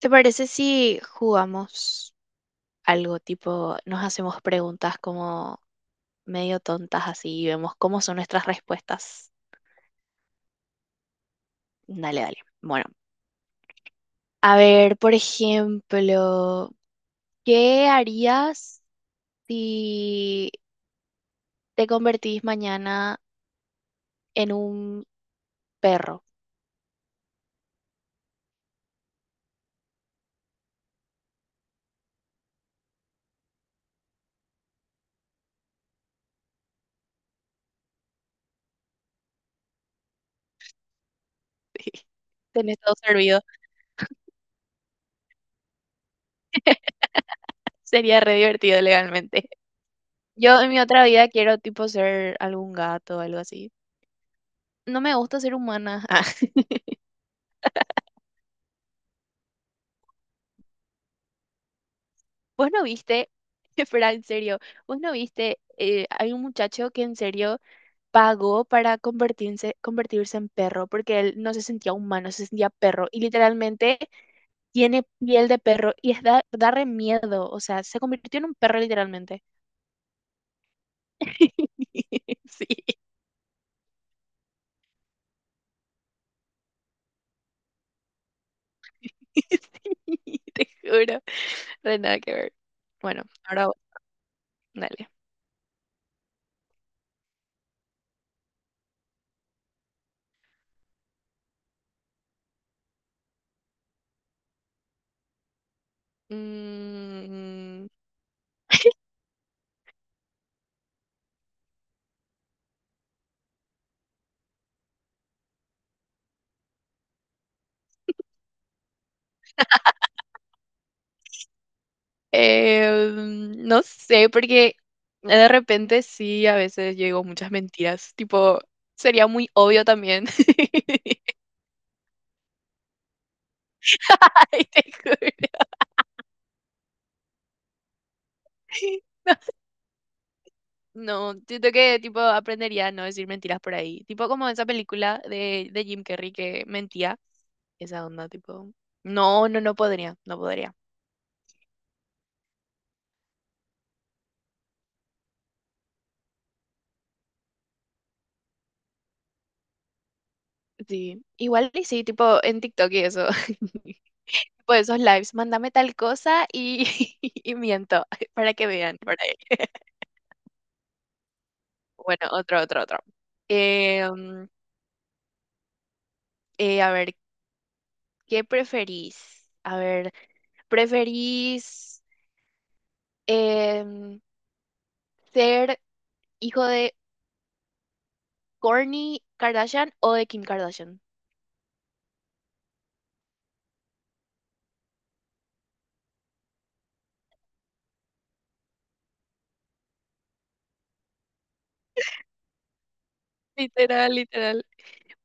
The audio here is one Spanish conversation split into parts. ¿Te parece si jugamos algo tipo, nos hacemos preguntas como medio tontas así y vemos cómo son nuestras respuestas? Dale, dale. Bueno, a ver, por ejemplo, ¿qué harías si te convertís mañana en un perro? Tenés todo servido. Sería re divertido legalmente. Yo en mi otra vida quiero tipo ser algún gato o algo así. No me gusta ser humana. Vos no viste, espera, en serio, vos no viste, hay un muchacho que en serio pagó para convertirse en perro porque él no se sentía humano, se sentía perro y literalmente tiene piel de perro y es da re miedo, o sea, se convirtió en un perro literalmente. Sí, sí, te juro, re nada que ver. Bueno, ahora vos, dale. Mm, Eh, no sé, porque de repente sí, a veces yo digo muchas mentiras. Tipo, sería muy obvio también. Ay, te juro. No, siento que tipo aprendería a no decir mentiras por ahí. Tipo como esa película de Jim Carrey que mentía. Esa onda, tipo. No, no, no podría, no podría. Sí. Igual y sí, tipo en TikTok y eso. Tipo esos lives, mándame tal cosa y, y miento para que vean por ahí. Bueno, otro, otro, otro. Eh, mm, a ver, ¿qué preferís? A ver, ¿preferís em, ser hijo de Kourtney Kardashian o de Kim Kardashian? Literal, literal.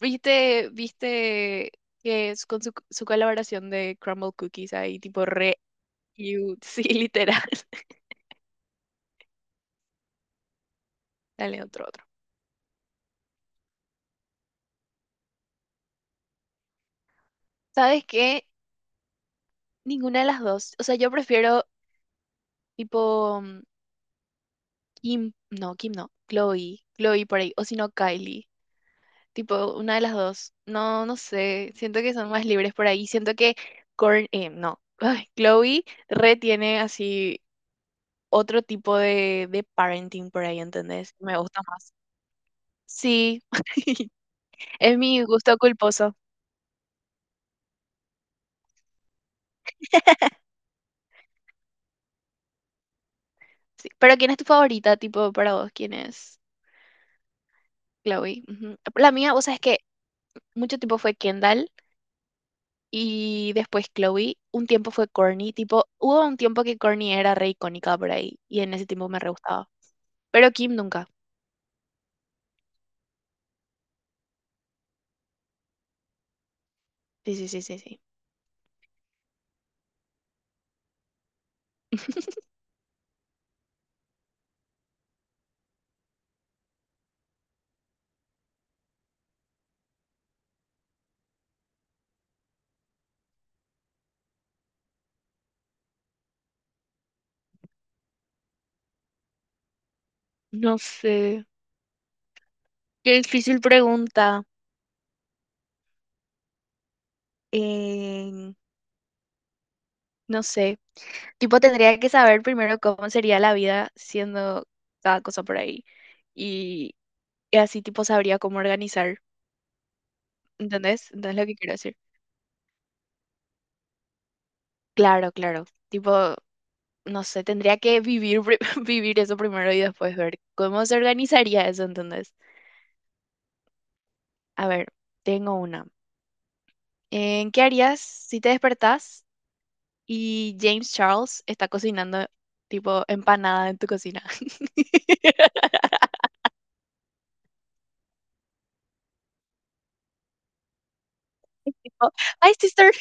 ¿Viste, viste que es con su colaboración de Crumble Cookies ahí, tipo re cute? Sí, literal. Dale, otro, otro. ¿Sabes qué? Ninguna de las dos. O sea, yo prefiero, tipo, Kim no, Chloe, Chloe por ahí, o si no Kylie, tipo una de las dos. No, no sé, siento que son más libres por ahí, siento que Korn, no, ay, Chloe re tiene así otro tipo de parenting por ahí, ¿entendés? Me gusta más. Sí, es mi gusto culposo. Sí. Pero ¿quién es tu favorita, tipo, para vos? ¿Quién es? ¿Chloe? Ujú. La mía, vos sabés que mucho tiempo fue Kendall. Y después Chloe, un tiempo fue Corny, tipo, hubo un tiempo que Corny era re icónica por ahí, y en ese tiempo me re gustaba. Pero Kim nunca. Sí, sí, sí, sí, sí. No sé. Qué difícil pregunta. Eh, no sé. Tipo, tendría que saber primero cómo sería la vida siendo cada cosa por ahí. Y, y así, tipo, sabría cómo organizar. ¿Entendés? ¿Entendés lo que quiero decir? Claro, claro. Tipo, no sé, tendría que vivir, vivir eso primero y después ver cómo se organizaría eso, entonces. A ver, tengo una. ¿Qué harías si te despertás y James Charles está cocinando tipo empanada en tu cocina? Tipo, hi, sister.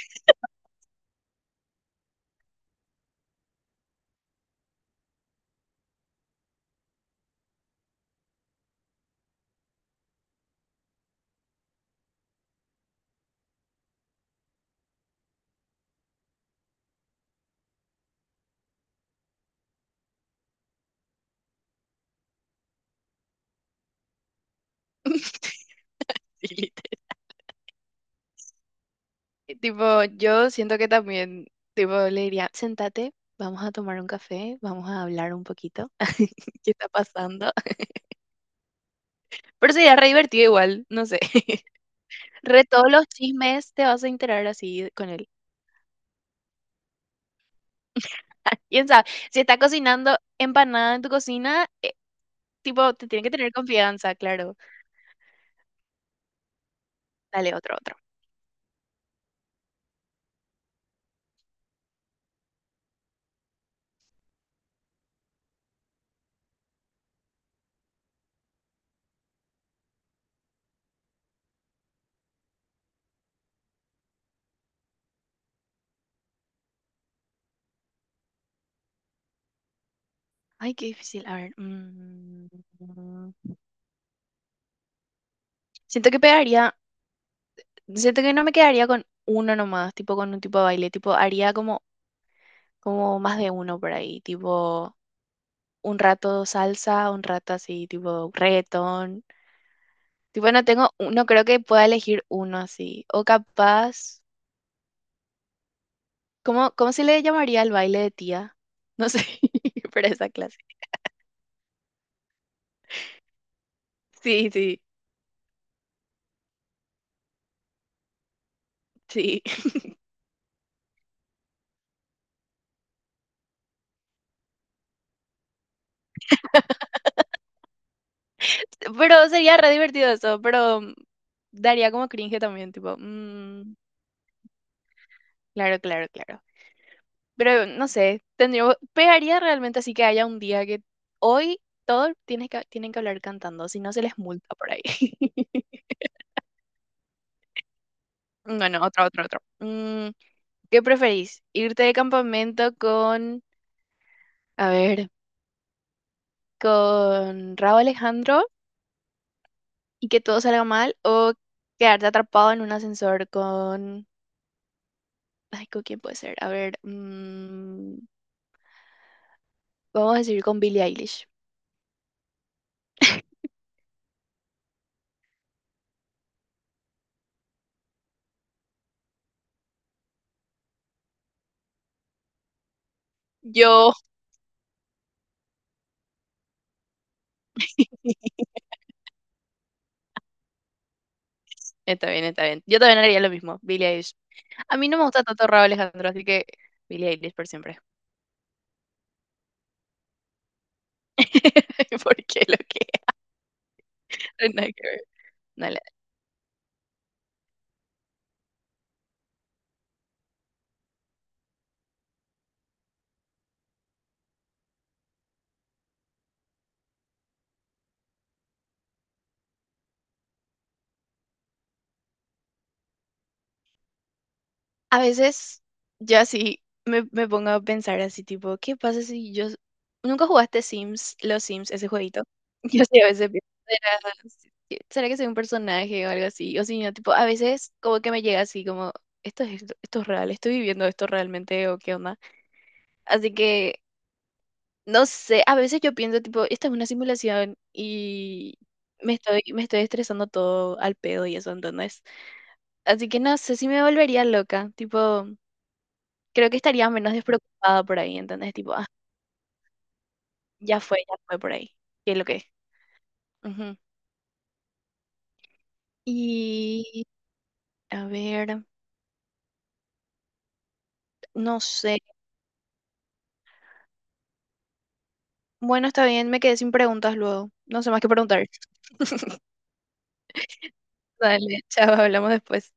Sí, literal. Tipo, yo siento que también, tipo, le diría, sentate, vamos a tomar un café, vamos a hablar un poquito, ¿qué está pasando? Pero sería re divertido igual, no sé. Re todos los chismes te vas a enterar así con él. ¿Quién sabe? Si está cocinando empanada en tu cocina, tipo, te tienen que tener confianza, claro. Dale, otro, otro. Ay, qué difícil. A ver. Mm. Siento que pegaría, siento que no me quedaría con uno nomás, tipo con un tipo de baile, tipo haría como más de uno por ahí, tipo un rato salsa, un rato así, tipo reggaetón. Tipo, no tengo, no creo que pueda elegir uno así. O capaz... ¿Cómo se le llamaría el baile de tía? No sé, para esa clase. Sí, sí, sí. Pero sería re divertido eso, pero daría como cringe también, tipo, claro, claro, claro. Pero no sé, tendría, pegaría realmente así que haya un día que hoy todos tienen que hablar cantando, si no se les multa por ahí. Bueno, otro, otro, otro. ¿Qué preferís? ¿Irte de campamento con, a ver, con Rauw Alejandro y que todo salga mal o quedarte atrapado en un ascensor con...? Ay, ¿con quién puede ser? A ver, vamos a decir con Billie Eilish. Yo, Está bien, está bien. Yo también haría lo mismo, Billie Eilish. A mí no me gusta tanto Raúl Alejandro, así que Billie Eilish por siempre. Porque lo que... no, nada que ver. Dale. A veces yo así me pongo a pensar así tipo, ¿qué pasa si yo...? Nunca jugaste Sims, ¿los Sims, ese jueguito? Yo sí a veces pienso, que será que soy un personaje o algo así? O si no, tipo, a veces como que me llega así como, esto es real, estoy viviendo esto realmente o qué onda. Así que, no sé, a veces yo pienso tipo, esta es una simulación y me estoy estresando todo al pedo y eso, ¿entendés? Así que no sé si me volvería loca, tipo creo que estaría menos despreocupada por ahí, ¿entendés? Tipo, ah, ya fue por ahí. ¿Qué es lo que es? Ujú. Y, a ver, no sé. Bueno, está bien, me quedé sin preguntas luego. No sé más que preguntar. Dale, chao, hablamos después.